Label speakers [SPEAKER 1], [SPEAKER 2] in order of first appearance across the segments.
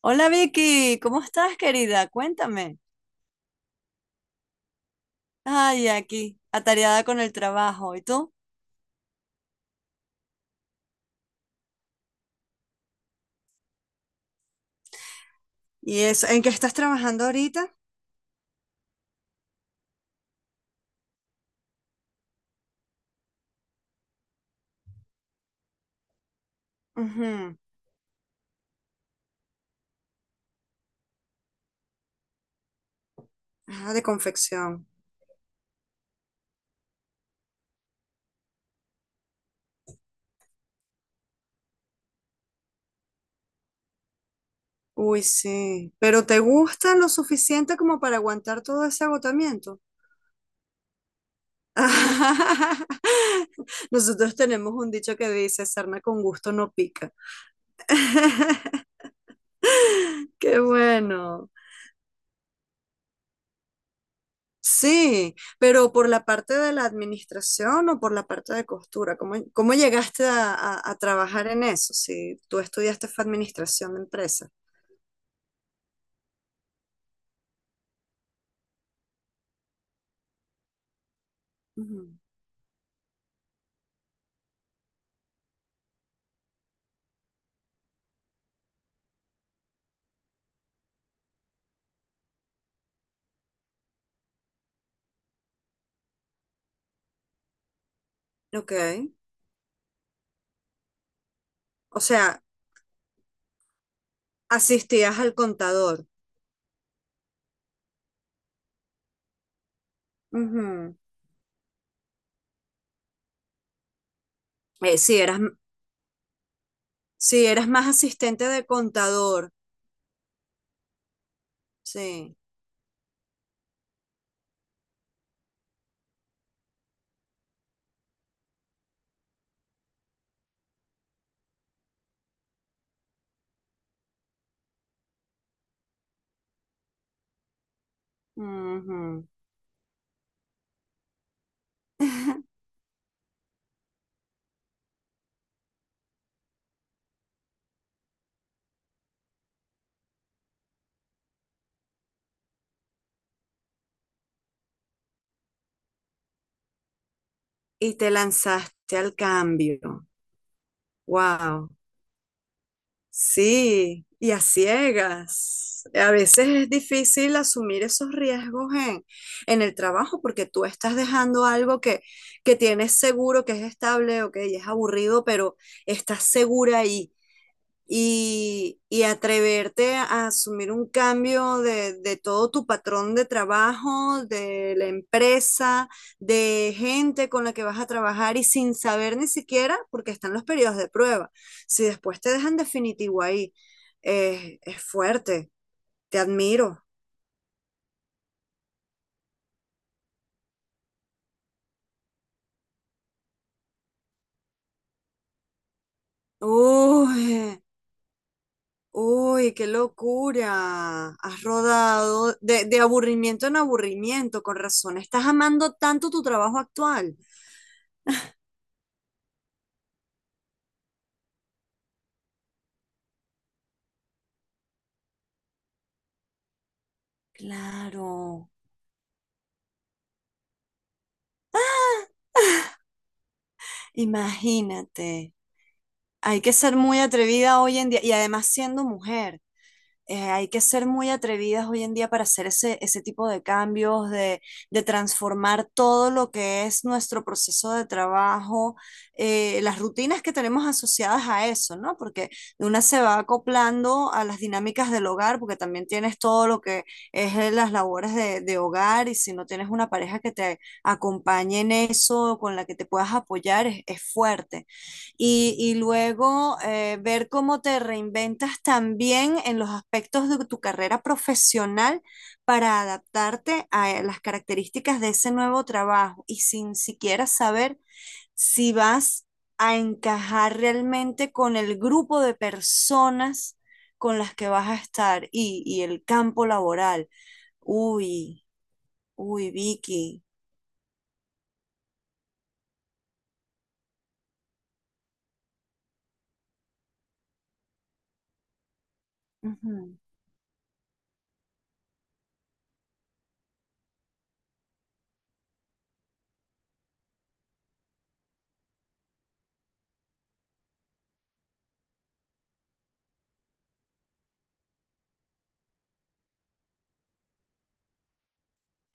[SPEAKER 1] Hola Vicky, ¿cómo estás, querida? Cuéntame. Ay, aquí, atareada con el trabajo. ¿Y tú? ¿Y eso? ¿En qué estás trabajando ahorita? Ujú. Ah, de confección. Uy, sí. ¿Pero te gusta lo suficiente como para aguantar todo ese agotamiento? Nosotros tenemos un dicho que dice, sarna con gusto no pica. Qué bueno. Sí, pero por la parte de la administración o por la parte de costura, ¿cómo llegaste a trabajar en eso. Si tú estudiaste fue administración de empresas. Ujú. Ok, o sea, asistías al contador. Ujú. Sí, eras, sí, eras más asistente de contador, sí. Ujú. Y te lanzaste al cambio. Wow. Sí, y a ciegas. A veces es difícil asumir esos riesgos en el trabajo porque tú estás dejando algo que tienes seguro, que es estable, ok, es aburrido, pero estás segura ahí y atreverte a asumir un cambio de todo tu patrón de trabajo, de la empresa, de gente con la que vas a trabajar y sin saber ni siquiera, porque están los periodos de prueba, si después te dejan definitivo ahí, es fuerte, te admiro. Uy, uy, qué locura. Has rodado de aburrimiento en aburrimiento, con razón. Estás amando tanto tu trabajo actual. Claro, imagínate. Hay que ser muy atrevida hoy en día y además siendo mujer. Hay que ser muy atrevidas hoy en día para hacer ese tipo de cambios, de transformar todo lo que es nuestro proceso de trabajo, las rutinas que tenemos asociadas a eso, ¿no? Porque una se va acoplando a las dinámicas del hogar, porque también tienes todo lo que es las labores de hogar, y si no tienes una pareja que te acompañe en eso, con la que te puedas apoyar, es fuerte, y luego ver cómo te reinventas también en los aspectos de tu carrera profesional para adaptarte a las características de ese nuevo trabajo y sin siquiera saber si vas a encajar realmente con el grupo de personas con las que vas a estar, y el campo laboral. Uy, uy, Vicky. Ujú.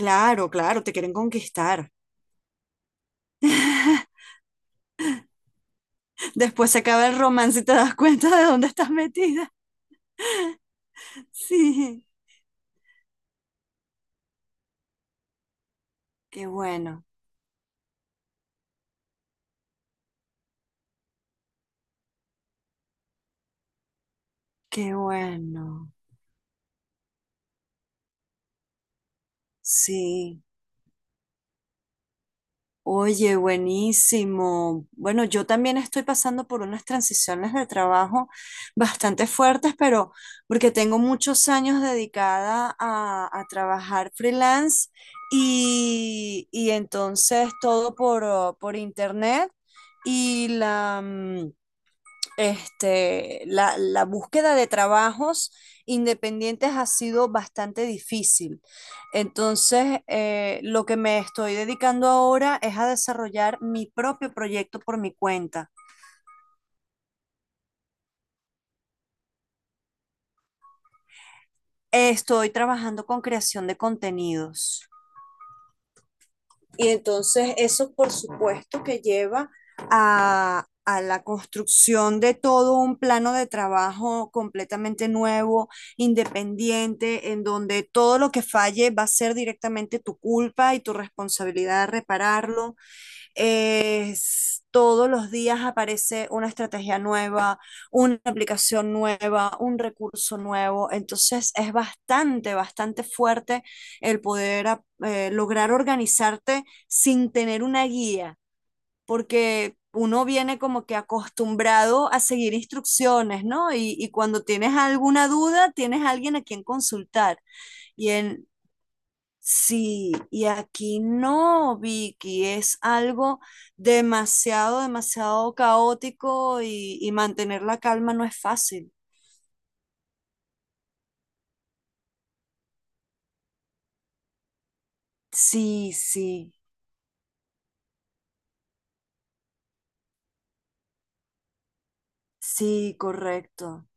[SPEAKER 1] Claro, claro, te quieren conquistar. Después se acaba el romance y te das cuenta de dónde estás metida. Sí, qué bueno, qué bueno. Sí. Oye, buenísimo. Bueno, yo también estoy pasando por unas transiciones de trabajo bastante fuertes, pero porque tengo muchos años dedicada a trabajar freelance y entonces todo por internet y la... mm, este, la búsqueda de trabajos independientes ha sido bastante difícil. Entonces, lo que me estoy dedicando ahora es a desarrollar mi propio proyecto por mi cuenta. Estoy trabajando con creación de contenidos. Y entonces eso, por supuesto, que lleva a la construcción de todo un plano de trabajo completamente nuevo, independiente, en donde todo lo que falle va a ser directamente tu culpa y tu responsabilidad de repararlo. Todos los días aparece una estrategia nueva, una aplicación nueva, un recurso nuevo. Entonces es bastante, bastante fuerte el poder lograr organizarte sin tener una guía, porque uno viene como que acostumbrado a seguir instrucciones, ¿no? Y cuando tienes alguna duda, tienes alguien a quien consultar. Y en, Sí, y aquí no, Vicky, es algo demasiado, demasiado caótico, y mantener la calma no es fácil. Sí, sí, sí, correcto.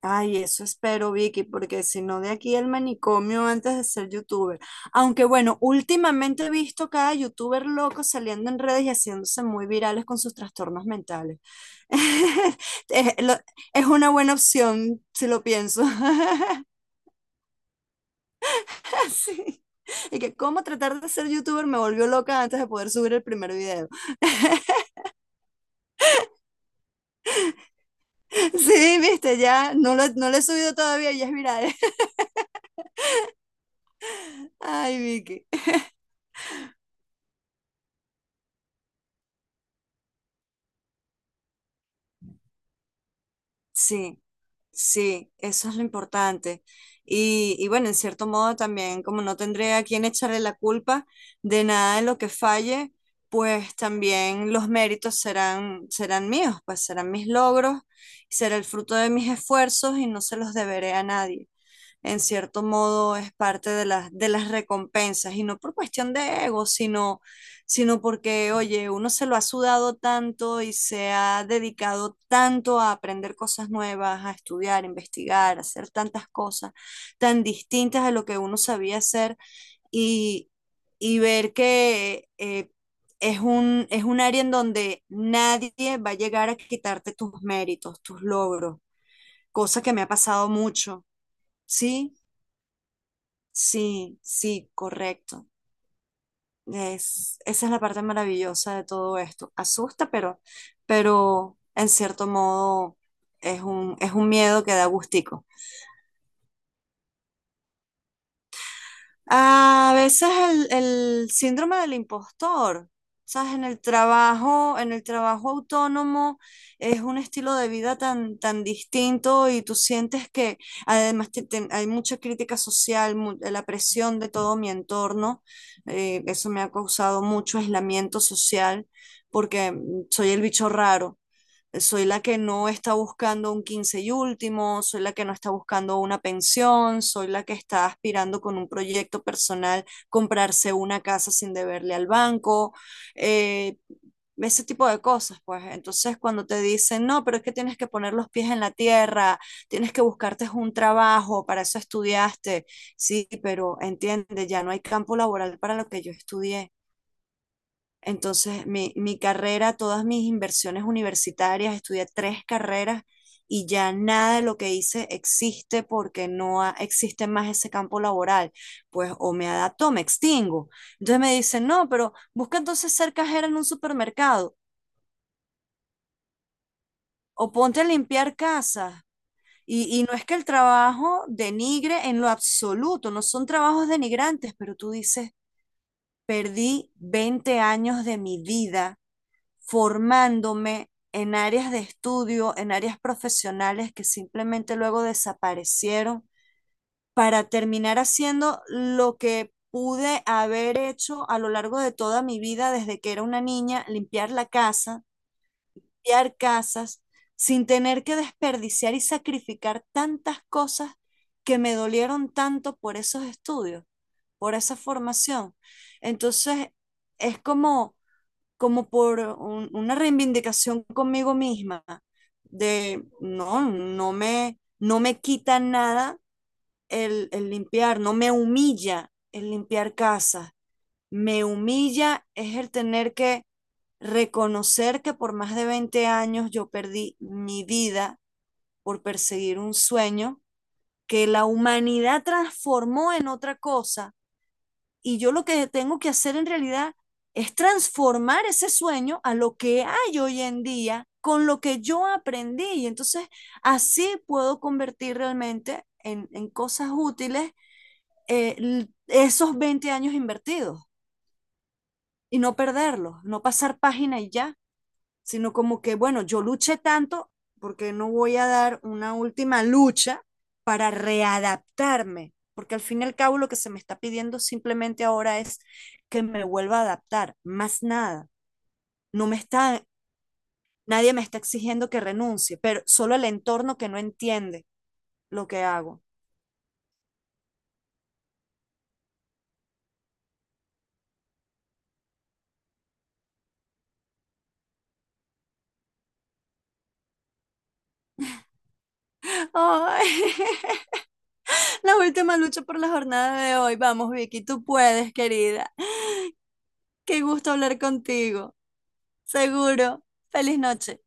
[SPEAKER 1] Ay, eso espero, Vicky, porque si no, de aquí el manicomio antes de ser youtuber. Aunque bueno, últimamente he visto cada youtuber loco saliendo en redes y haciéndose muy virales con sus trastornos mentales. Es, lo- es una buena opción, si lo pienso. Sí. Y que cómo tratar de ser youtuber me volvió loca antes de poder subir el primer video. Sí, viste, ya no lo he subido todavía, ya es viral. Ay, Vicky. Sí, sí, eso es lo importante. Y bueno, en cierto modo también, como no tendré a quien echarle la culpa de nada de lo que falle, pues también los méritos serán míos, pues serán mis logros, será el fruto de mis esfuerzos y no se los deberé a nadie. En cierto modo es parte de las recompensas, y no por cuestión de ego, sino porque, oye, uno se lo ha sudado tanto y se ha dedicado tanto a aprender cosas nuevas, a estudiar, investigar, a hacer tantas cosas tan distintas a lo que uno sabía hacer, y, y ver que... es un área en donde nadie va a llegar a quitarte tus méritos, tus logros, cosa que me ha pasado mucho, ¿sí? Sí, sí, correcto. Es, esa es la parte maravillosa de todo esto. Asusta, pero en cierto modo es un miedo que da gustico. A veces el, el síndrome del impostor, ¿sabes? En el trabajo autónomo es un estilo de vida tan, tan distinto, y tú sientes que además hay mucha crítica social, la presión de todo mi entorno, eso me ha causado mucho aislamiento social porque soy el bicho raro, soy la que no está buscando un quince y último, soy la que no está buscando una pensión, soy la que está aspirando con un proyecto personal comprarse una casa sin deberle al banco, eh, ese tipo de cosas, pues. Entonces, cuando te dicen, no, pero es que tienes que poner los pies en la tierra, tienes que buscarte un trabajo, para eso estudiaste, sí, pero entiende, ya no hay campo laboral para lo que yo estudié. Entonces, mi carrera, todas mis inversiones universitarias, estudié tres carreras, y ya nada de lo que hice existe porque no existe más ese campo laboral. Pues o me adapto o me extingo. Entonces me dicen, no, pero busca entonces ser cajera en un supermercado o ponte a limpiar casas. Y no es que el trabajo denigre en lo absoluto, no son trabajos denigrantes, pero tú dices, perdí 20 años de mi vida formándome en áreas de estudio, en áreas profesionales que simplemente luego desaparecieron para terminar haciendo lo que pude haber hecho a lo largo de toda mi vida desde que era una niña, limpiar la casa, limpiar casas, sin tener que desperdiciar y sacrificar tantas cosas que me dolieron tanto por esos estudios, por esa formación. Entonces, es como una reivindicación conmigo misma de no, no me quita nada el limpiar, no me humilla el limpiar casa, me humilla es el tener que reconocer que por más de 20 años yo perdí mi vida por perseguir un sueño que la humanidad transformó en otra cosa, y yo lo que tengo que hacer en realidad es transformar ese sueño a lo que hay hoy en día con lo que yo aprendí. Y entonces así puedo convertir realmente en cosas útiles, esos 20 años invertidos y no perderlos, no pasar página y ya, sino como que, bueno, yo luché tanto, porque no voy a dar una última lucha para readaptarme, porque al fin y al cabo lo que se me está pidiendo simplemente ahora es que me vuelva a adaptar, más nada. No me está, nadie me está exigiendo que renuncie, pero solo el entorno que no entiende lo que hago. Ay, la última lucha por la jornada de hoy. Vamos, Vicky, tú puedes, querida. Qué gusto hablar contigo. Seguro. Feliz noche.